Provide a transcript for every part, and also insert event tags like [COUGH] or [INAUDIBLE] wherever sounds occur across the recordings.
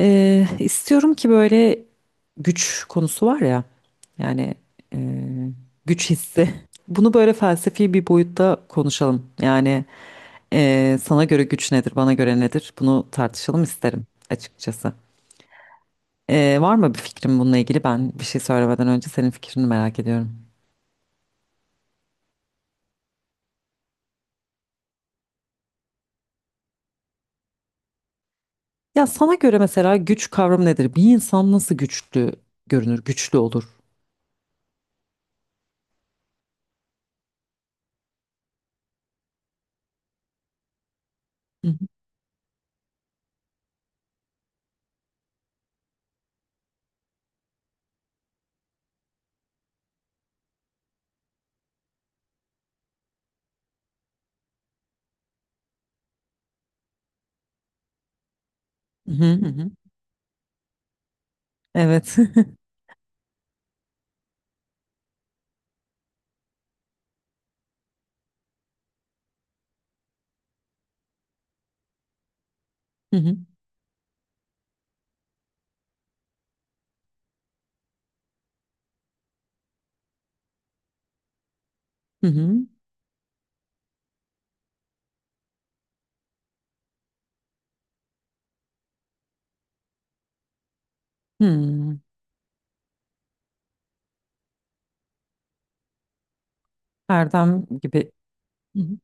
İstiyorum ki böyle güç konusu var ya, yani eee, güç hissi. Bunu böyle felsefi bir boyutta konuşalım. Yani, sana göre güç nedir, bana göre nedir? Bunu tartışalım isterim açıkçası. Var mı bir fikrin bununla ilgili? Ben bir şey söylemeden önce senin fikrini merak ediyorum. Ya sana göre mesela güç kavramı nedir? Bir insan nasıl güçlü görünür, güçlü olur? Hı hı hı hı, hı. Evet. [LAUGHS] Hı hı hı, hı. Hmm. Erdem gibi. Hı hı.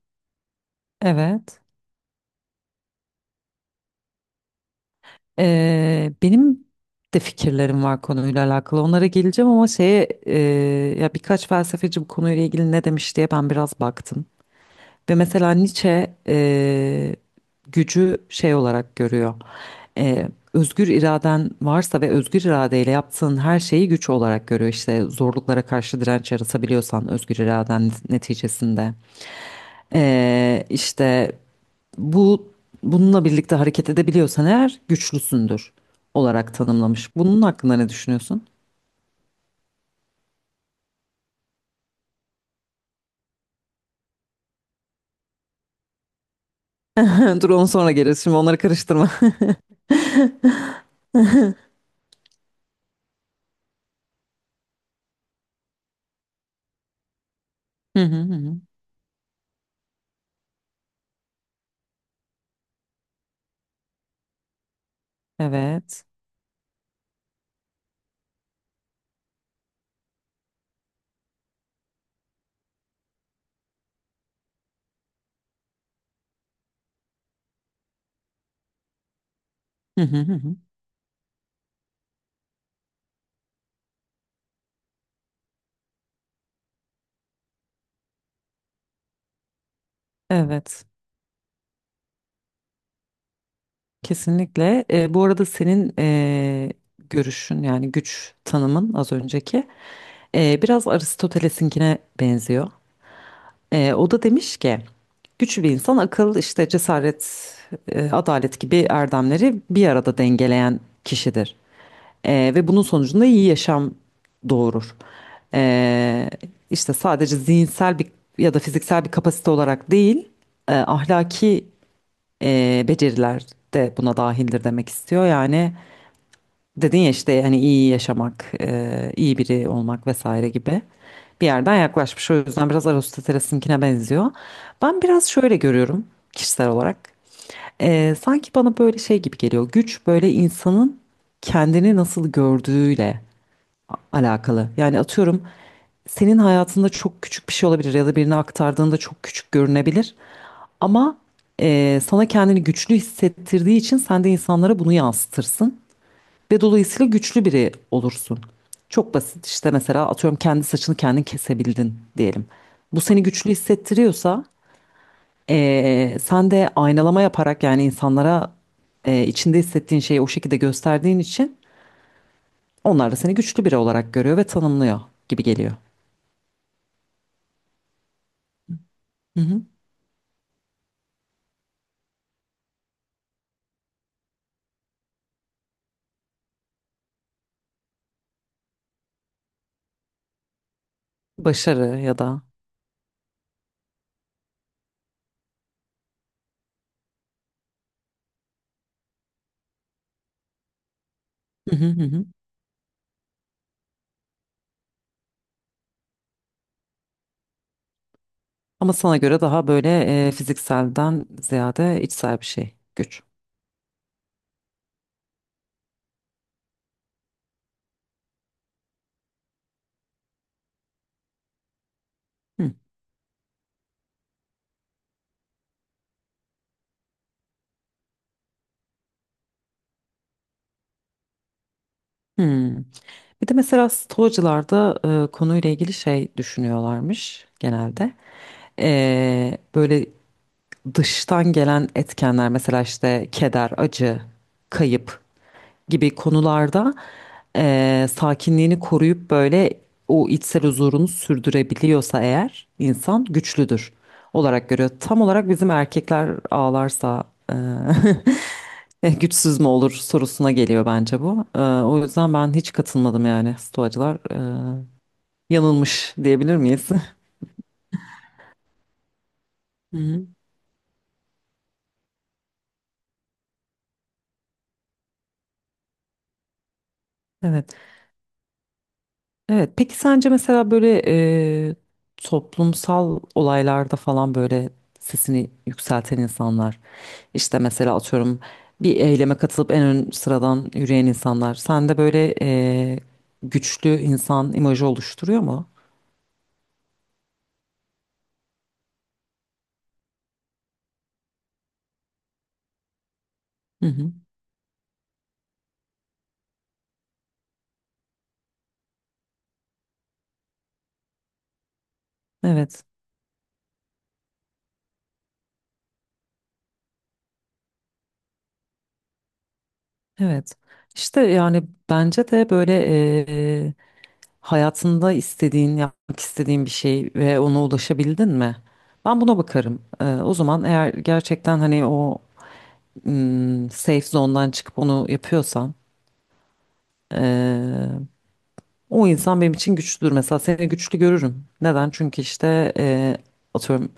Evet. Benim de fikirlerim var konuyla alakalı. Onlara geleceğim ama ya birkaç felsefeci bu konuyla ilgili ne demiş diye ben biraz baktım. Ve mesela Nietzsche gücü şey olarak görüyor. E, Özgür iraden varsa ve özgür iradeyle yaptığın her şeyi güç olarak görüyor. İşte zorluklara karşı direnç yaratabiliyorsan özgür iraden neticesinde. E, işte bu bununla birlikte hareket edebiliyorsan eğer güçlüsündür olarak tanımlamış. Bunun hakkında ne düşünüyorsun? [LAUGHS] Dur onu sonra gelir. Şimdi onları karıştırma. [LAUGHS] Hı hı hı, hı. Evet. Hı hı hı, hı. Evet. Kesinlikle. Bu arada senin görüşün yani güç tanımın az önceki biraz Aristoteles'inkine benziyor. O da demiş ki güçlü bir insan akıl, işte cesaret, adalet gibi erdemleri bir arada dengeleyen kişidir. Ve bunun sonucunda iyi yaşam doğurur. E, işte sadece zihinsel bir ya da fiziksel bir kapasite olarak değil, ahlaki beceriler de buna dahildir demek istiyor. Yani dedin ya işte hani iyi yaşamak, iyi biri olmak vesaire gibi bir yerden yaklaşmış. O yüzden biraz Aristoteles'inkine benziyor. Ben biraz şöyle görüyorum kişisel olarak. Sanki bana böyle şey gibi geliyor. Güç böyle insanın kendini nasıl gördüğüyle alakalı. Yani atıyorum senin hayatında çok küçük bir şey olabilir ya da birine aktardığında çok küçük görünebilir. Ama sana kendini güçlü hissettirdiği için sen de insanlara bunu yansıtırsın ve dolayısıyla güçlü biri olursun. Çok basit işte mesela atıyorum kendi saçını kendin kesebildin diyelim. Bu seni güçlü hissettiriyorsa sen de aynalama yaparak yani insanlara içinde hissettiğin şeyi o şekilde gösterdiğin için onlar da seni güçlü biri olarak görüyor ve tanımlıyor gibi geliyor. Hı hı. Başarı ya da. Hı hı hı, hı. Ama sana göre daha böyle fizikselden ziyade içsel bir şey, güç. Hı. Hı. Bir de mesela Stoacılar da konuyla ilgili şey düşünüyorlarmış genelde. Böyle dıştan gelen etkenler mesela işte keder, acı, kayıp gibi konularda sakinliğini koruyup böyle o içsel huzurunu sürdürebiliyorsa eğer insan güçlüdür olarak görüyor. Tam olarak bizim erkekler ağlarsa [LAUGHS] güçsüz mü olur sorusuna geliyor bence bu. O yüzden ben hiç katılmadım yani stoacılar yanılmış diyebilir miyiz? [LAUGHS] Hı hı. Evet. Evet, peki sence mesela böyle e, toplumsal olaylarda falan böyle sesini yükselten insanlar, işte mesela atıyorum bir eyleme katılıp en ön sıradan yürüyen insanlar, sende böyle güçlü insan imajı oluşturuyor mu? Hı hı. Evet, evet. İşte yani bence de böyle e, hayatında istediğin, yapmak istediğin bir şey ve ona ulaşabildin mi? Ben buna bakarım. E, o zaman eğer gerçekten hani safe zone'dan çıkıp onu yapıyorsam eee, o insan benim için güçlüdür. Mesela seni güçlü görürüm. Neden? Çünkü işte, atıyorum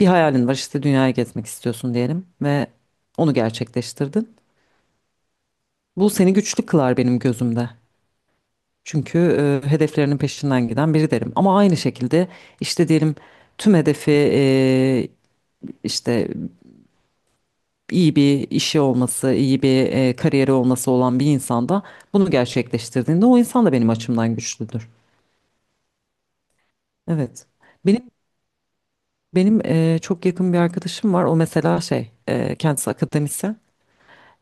bir hayalin var işte dünyayı gezmek istiyorsun diyelim ve onu gerçekleştirdin. Bu seni güçlü kılar benim gözümde. Çünkü hedeflerinin peşinden giden biri derim. Ama aynı şekilde işte diyelim tüm hedefi işte iyi bir işi olması, iyi bir kariyeri olması olan bir insanda bunu gerçekleştirdiğinde o insan da benim açımdan güçlüdür. Evet. Benim benim çok yakın bir arkadaşım var. O mesela kendisi akademisyen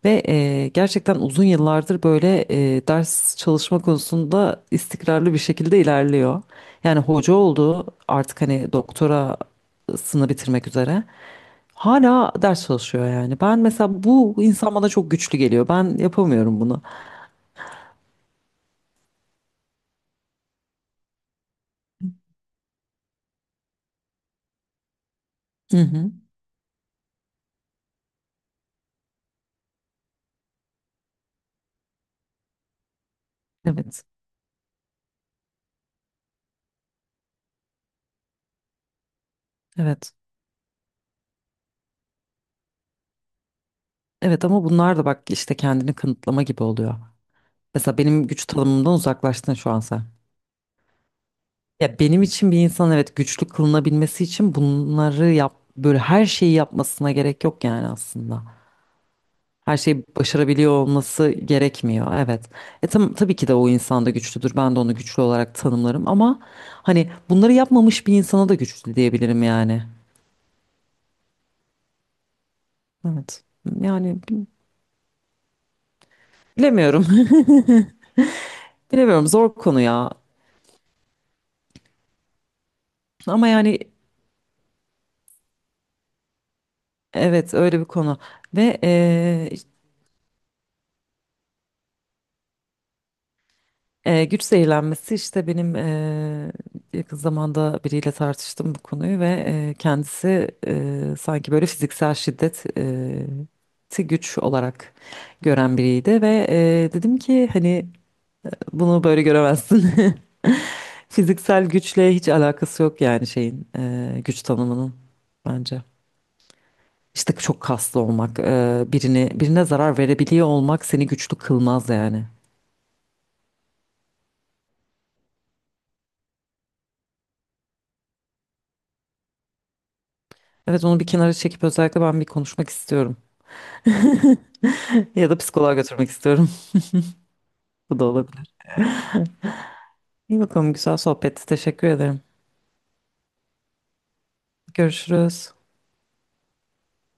ve gerçekten uzun yıllardır böyle ders çalışma konusunda istikrarlı bir şekilde ilerliyor. Yani hoca oldu, artık hani doktorasını bitirmek üzere. Hala ders çalışıyor yani. Ben mesela bu insan bana çok güçlü geliyor. Ben yapamıyorum bunu. Hı hı. Evet. Evet. Evet ama bunlar da bak işte kendini kanıtlama gibi oluyor. Mesela benim güç tanımımdan uzaklaştın şu an sen. Ya benim için bir insan evet güçlü kılınabilmesi için bunları yap böyle her şeyi yapmasına gerek yok yani aslında. Her şeyi başarabiliyor olması gerekmiyor. Evet. E tam, tabii ki de o insan da güçlüdür. Ben de onu güçlü olarak tanımlarım ama hani bunları yapmamış bir insana da güçlü diyebilirim yani. Evet. Yani bilemiyorum. [LAUGHS] Bilemiyorum zor konu ya. Ama yani evet öyle bir konu ve güç zehirlenmesi işte benim yakın zamanda biriyle tartıştım bu konuyu ve kendisi sanki böyle fiziksel şiddet ti güç olarak gören biriydi ve dedim ki hani bunu böyle göremezsin. [LAUGHS] Fiziksel güçle hiç alakası yok yani şeyin, güç tanımının bence. İşte çok kaslı olmak, birini birine zarar verebiliyor olmak seni güçlü kılmaz yani. Evet onu bir kenara çekip özellikle ben bir konuşmak istiyorum. [LAUGHS] Ya da psikoloğa götürmek istiyorum. [LAUGHS] Bu da olabilir. İyi bakalım güzel sohbetti. Teşekkür ederim. Görüşürüz.